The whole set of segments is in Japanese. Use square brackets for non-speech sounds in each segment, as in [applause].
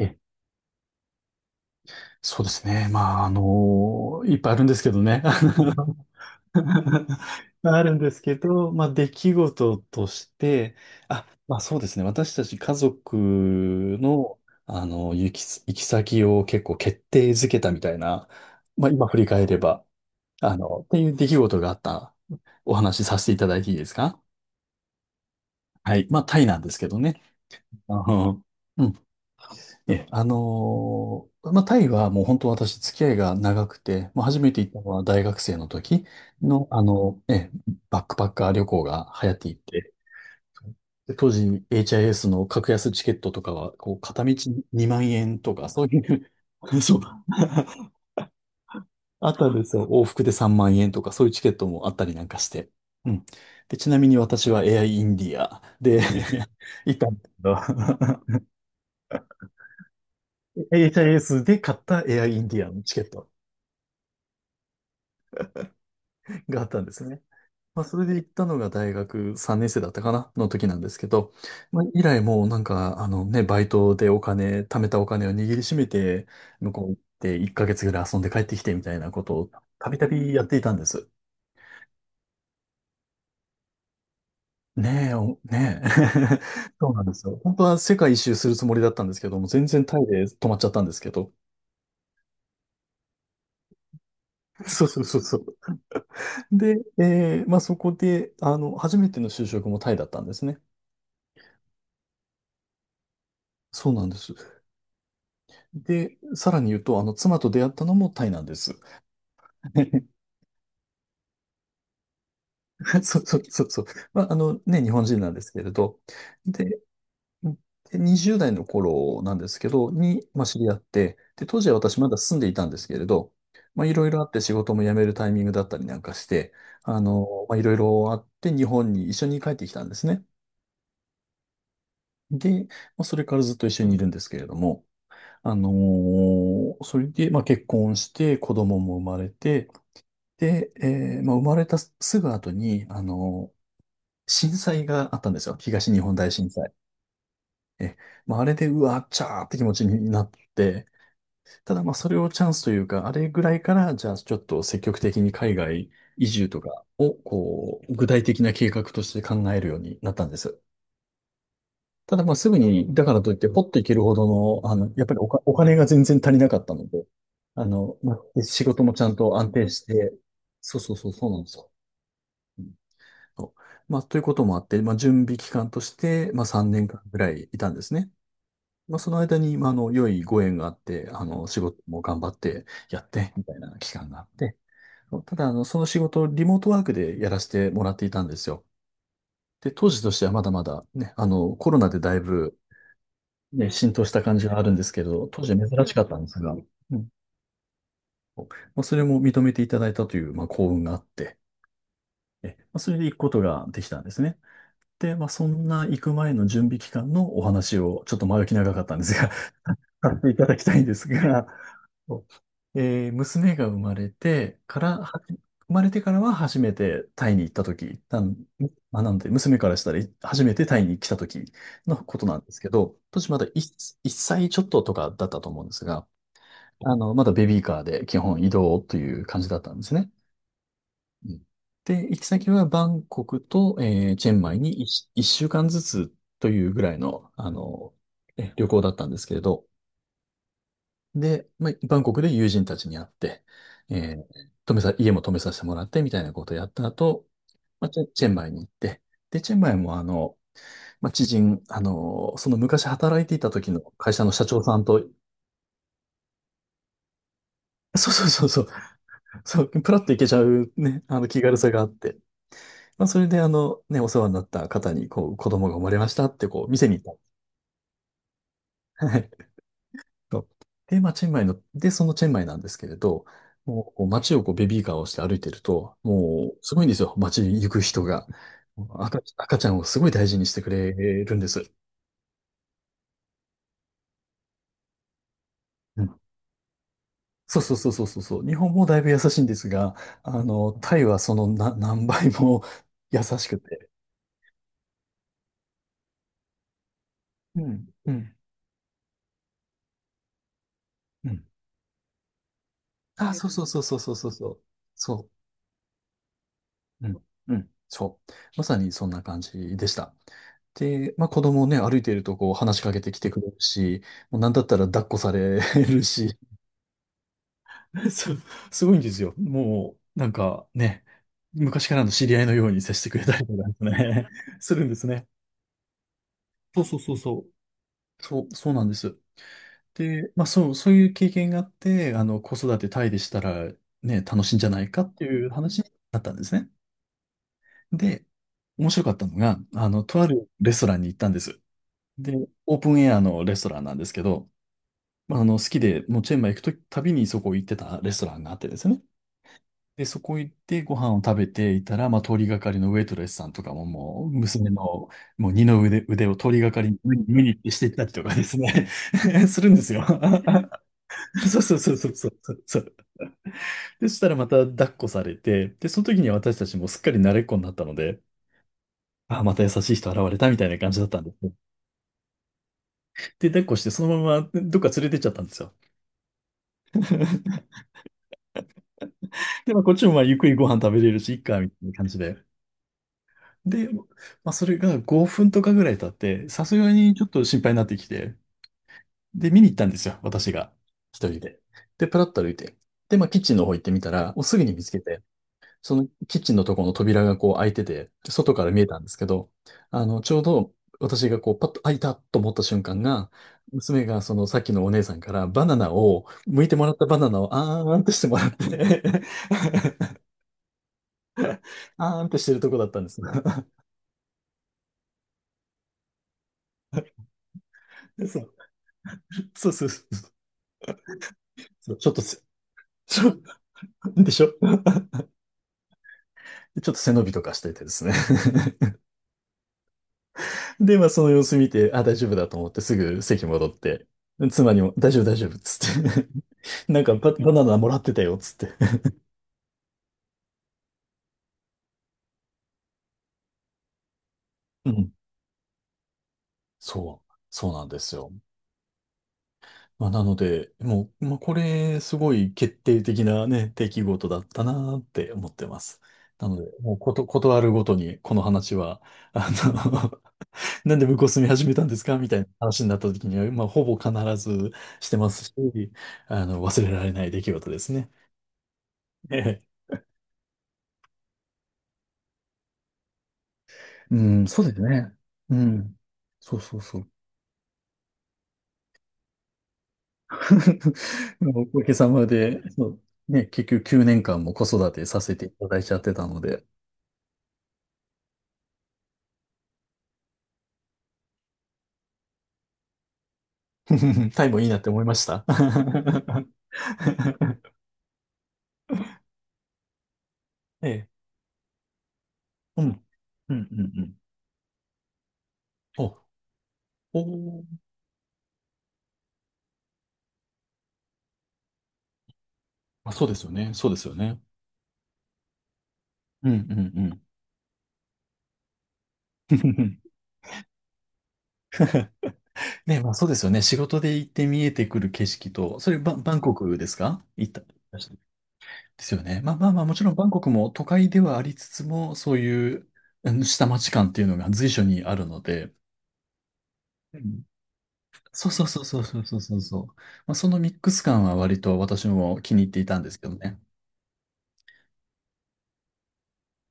え、そうですね。まあ、いっぱいあるんですけどね。あの [laughs] あるんですけど、まあ、出来事として、そうですね。私たち家族の、行き先を結構決定づけたみたいな、まあ今振り返れば、あの、っていう出来事があったお話しさせていただいていいですか？はい。まあタイなんですけどね。あの、うんタイはもう本当私付き合いが長くて、まあ、初めて行ったのは大学生の時の、バックパッカー旅行が流行っていて、で当時 HIS の格安チケットとかは、こう、片道2万円とか、そういう [laughs] そう、あったんですよ。往復で3万円とか、そういうチケットもあったりなんかして。うん。で、ちなみに私は AI イインディアで [laughs] 行ったんですけど、 HIS [laughs] で買った AI イインディアのチケットがあったんですね。まあ、それで行ったのが大学3年生だったかなの時なんですけど、まあ、以来もうなんか、あのね、バイトでお金、貯めたお金を握りしめて、向こう行って1ヶ月ぐらい遊んで帰ってきてみたいなことをたびたびやっていたんです。ねえ、おねえ。[laughs] そうなんですよ。本当は世界一周するつもりだったんですけども、全然タイで止まっちゃったんですけど。[laughs] そうそうそうそう。で、そこで、あの、初めての就職もタイだったんですね。そうなんです。で、さらに言うと、あの、妻と出会ったのもタイなんです。[laughs] そうそうそうそう。まあ、あのね、日本人なんですけれど。で、で20代の頃なんですけど、に、まあ、知り合って、で、当時は私まだ住んでいたんですけれど、まあ、いろいろあって仕事も辞めるタイミングだったりなんかして、あの、まあ、いろいろあって日本に一緒に帰ってきたんですね。で、まあ、それからずっと一緒にいるんですけれども、あのーそれで、まあ、結婚して、子供も生まれて、で、生まれたすぐ後に、あの、震災があったんですよ。東日本大震災。え、まあ、あれで、うわ、っちゃーって気持ちになって、ただ、まあ、それをチャンスというか、あれぐらいから、じゃあ、ちょっと積極的に海外移住とかを、こう、具体的な計画として考えるようになったんです。ただ、まあ、すぐに、だからといって、ポッといけるほどの、やっぱりお金が全然足りなかったので、あの、まあ、仕事もちゃんと安定して、そうそうそう、そうなんですよ。と。まあ、ということもあって、まあ、準備期間として、まあ、3年間ぐらいいたんですね。まあ、その間に、まあ、あの、良いご縁があって、あの、仕事も頑張ってやって、みたいな期間があって、ただ、あの、その仕事をリモートワークでやらせてもらっていたんですよ。で、当時としてはまだまだ、ね、あの、コロナでだいぶ、ね、浸透した感じがあるんですけど、当時は珍しかったんですが、んまあ、それも認めていただいたという、まあ、幸運があって、えまあ、それで行くことができたんですね。で、まあ、そんな行く前の準備期間のお話を、ちょっと前置き長かったんですが、[laughs] させていただきたいんですが、そ娘が生まれてから、生まれてからは初めてタイに行った時、まあ、なんで、娘からしたら初めてタイに来た時のことなんですけど、当時まだ 1歳ちょっととかだったと思うんですが、あの、まだベビーカーで基本移動という感じだったんですね。うんで、行き先はバンコクと、チェンマイに1週間ずつというぐらいの、あの、旅行だったんですけれど、で、まあ、バンコクで友人たちに会って、えー泊めさ、家も泊めさせてもらってみたいなことをやった後、まあ、チェンマイに行って、で、チェンマイもあの、その昔働いていた時の会社の社長さんと、そうそうそうそう、そう、プラッと行けちゃうね、あの気軽さがあって、まあ、それで、あの、ね、お世話になった方に、こう、子供が生まれましたって、こう、店に行った。はい。そうで、まあ、チェンマイの、で、そのチェンマイなんですけれど、もう、こう街をこう、ベビーカーをして歩いてると、もう、すごいんですよ。街に行く人が。赤ちゃんをすごい大事にしてくれるんです。うんそうそうそうそうそうそう。日本もだいぶ優しいんですが、あの、タイはその何倍も [laughs] 優しくて。うん、うん、うん。あ、そうそうそうそうそうそうそう。そううんそう。まさにそんな感じでした。で、まあ子供ね、歩いているとこう話しかけてきてくれるし、もうなんだったら抱っこされるし、[laughs] す、すごいんですよ。もう、なんかね、昔からの知り合いのように接してくれたりとかね、[laughs] するんですね。そうそうそうそう。そう、そうなんです。で、そういう経験があって、あの、子育てタイでしたらね、楽しいんじゃないかっていう話になったんですね。で、面白かったのが、あの、とあるレストランに行ったんです。で、オープンエアのレストランなんですけど、まあ、あの、好きで、もうチェンマイ行くとたびにそこ行ってたレストランがあってですね。で、そこ行ってご飯を食べていたら、まあ、通りがかりのウェイトレスさんとかももう、娘の、もう二の腕、腕を通りがかりに見に行ってしていったりとかですね、[laughs] するんですよ。[laughs] そうそうそうそうそうそう。でそしたらまた抱っこされて、で、その時には私たちもすっかり慣れっこになったので、あ、また優しい人現れたみたいな感じだったんですね。で、抱っこしてそのままどっか連れてっちゃったんですよ。[laughs] で、まあ、こっちもまあゆっくりご飯食べれるし、いっか、みたいな感じで。で、まあ、それが5分とかぐらい経って、さすがにちょっと心配になってきて、で、見に行ったんですよ、私が。一人で。で、プラッと歩いて。で、まあ、キッチンの方行ってみたら、おすぐに見つけて、そのキッチンのところの扉がこう開いてて、外から見えたんですけど、ちょうど私がこうパッと開いたと思った瞬間が、娘がそのさっきのお姉さんからバナナを、剥いてもらったバナナをあーんってしてもらって、 [laughs] あーんってしてるとこだったんです。[laughs] そう、そうそうそう。そうちょっとせ、ちょ、でしょちょっと背伸びとかしててですね。 [laughs] で、まあその様子見て、あ、大丈夫だと思ってすぐ席戻って、妻にも大丈夫大丈夫っつって、 [laughs] なんかバナナもらってたよ、つって。うん。そう、そうなんですよ。まあ、なので、もう、まあ、これ、すごい決定的なね、出来事だったなって思ってます。なので、もうこと、断るごとに、この話は、あの [laughs] なんで向こう住み始めたんですかみたいな話になった時には、まあ、ほぼ必ずしてますし、あの、忘れられない出来事ですね。[laughs] ええ、うん、そうですね。うん。そうそうそう。[laughs] おかげさまで、そう、ね、結局9年間も子育てさせていただいちゃってたので、[laughs] タイもいいなって思いました。[laughs] ええ。うん。うんうんうん。お、おー、まあ、そうですよね。そうですよね。うんうんうん。[laughs] ね、まあそうですよね。仕事で行って見えてくる景色と、それバン、バンコクですか行った。ですよね。まあまあまあ、もちろんバンコクも都会ではありつつも、そういう、うん、下町感っていうのが随所にあるので。うん、そうそうそうそうそうそうそうそう。まあ、そのミックス感は割と私も気に入っていたんですけどね。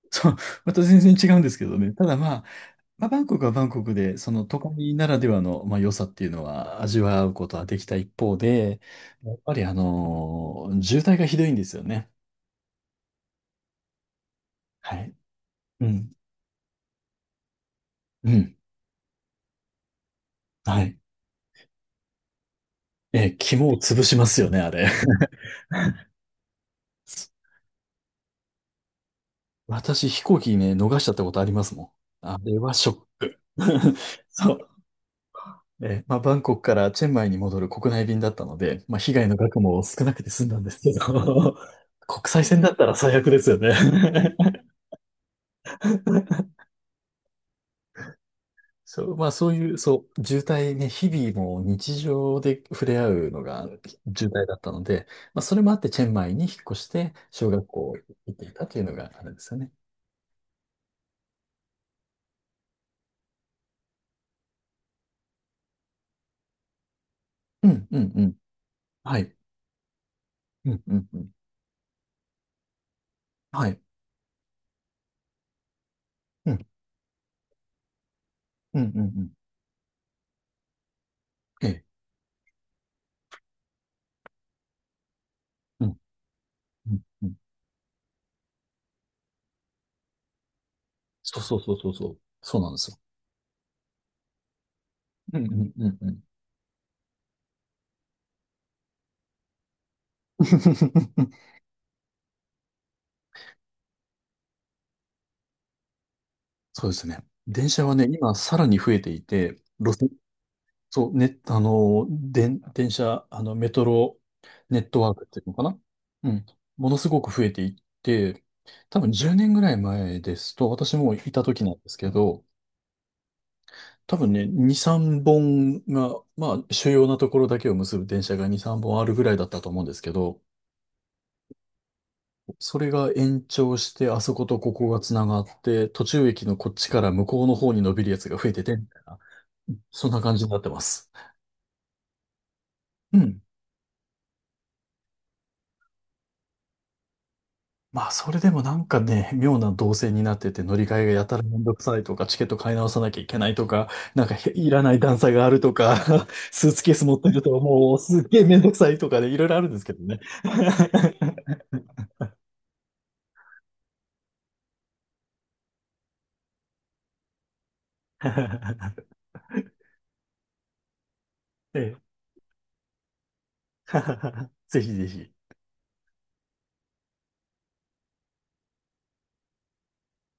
[laughs] そう、また全然違うんですけどね。ただまあ、まあ、バンコクはバンコクで、その都会ならではの、まあ、良さっていうのは味わうことはできた一方で、やっぱりあの渋滞がひどいんですよね。はい。うん。うん。はい。えー、肝を潰しますよね、あれ。[laughs] 私、飛行機ね、逃しちゃったことありますもん。あれはショック。[laughs] そう。えー、まあ、バンコクからチェンマイに戻る国内便だったので、まあ、被害の額も少なくて済んだんですけど、[laughs] 国際線だったら最悪ですよね。 [laughs] そう、まあ、そういう、そう、渋滞ね、日々もう日常で触れ合うのが渋滞だったので、まあ、それもあってチェンマイに引っ越して小学校に行っていたというのがあるんですよね。うん、うん、うん。はい。うん、うん、うん。はい。うん、うん、うん、うん。ええ。うん、うん、うん。そうそうそうそうそう。そうなんですよ。うん、うん、うん、うん。[laughs] そうですね。電車はね、今さらに増えていて、路線、そう、ね、あの、電車、あの、メトロネットワークっていうのかな。うん。ものすごく増えていって、多分10年ぐらい前ですと、私もいた時なんですけど、多分ね、2、3本が、まあ、主要なところだけを結ぶ電車が2、3本あるぐらいだったと思うんですけど、それが延長して、あそことここが繋がって、途中駅のこっちから向こうの方に伸びるやつが増えてて、みたいな。そんな感じになってます。うん。まあ、それでもなんかね、妙な動線になってて、乗り換えがやたらめんどくさいとか、チケット買い直さなきゃいけないとか、なんかへいらない段差があるとか、[laughs] スーツケース持ってるともうすっげえめんどくさいとかで、いろいろあるんですけどね。[laughs] ええ、 [laughs] ぜひぜひ。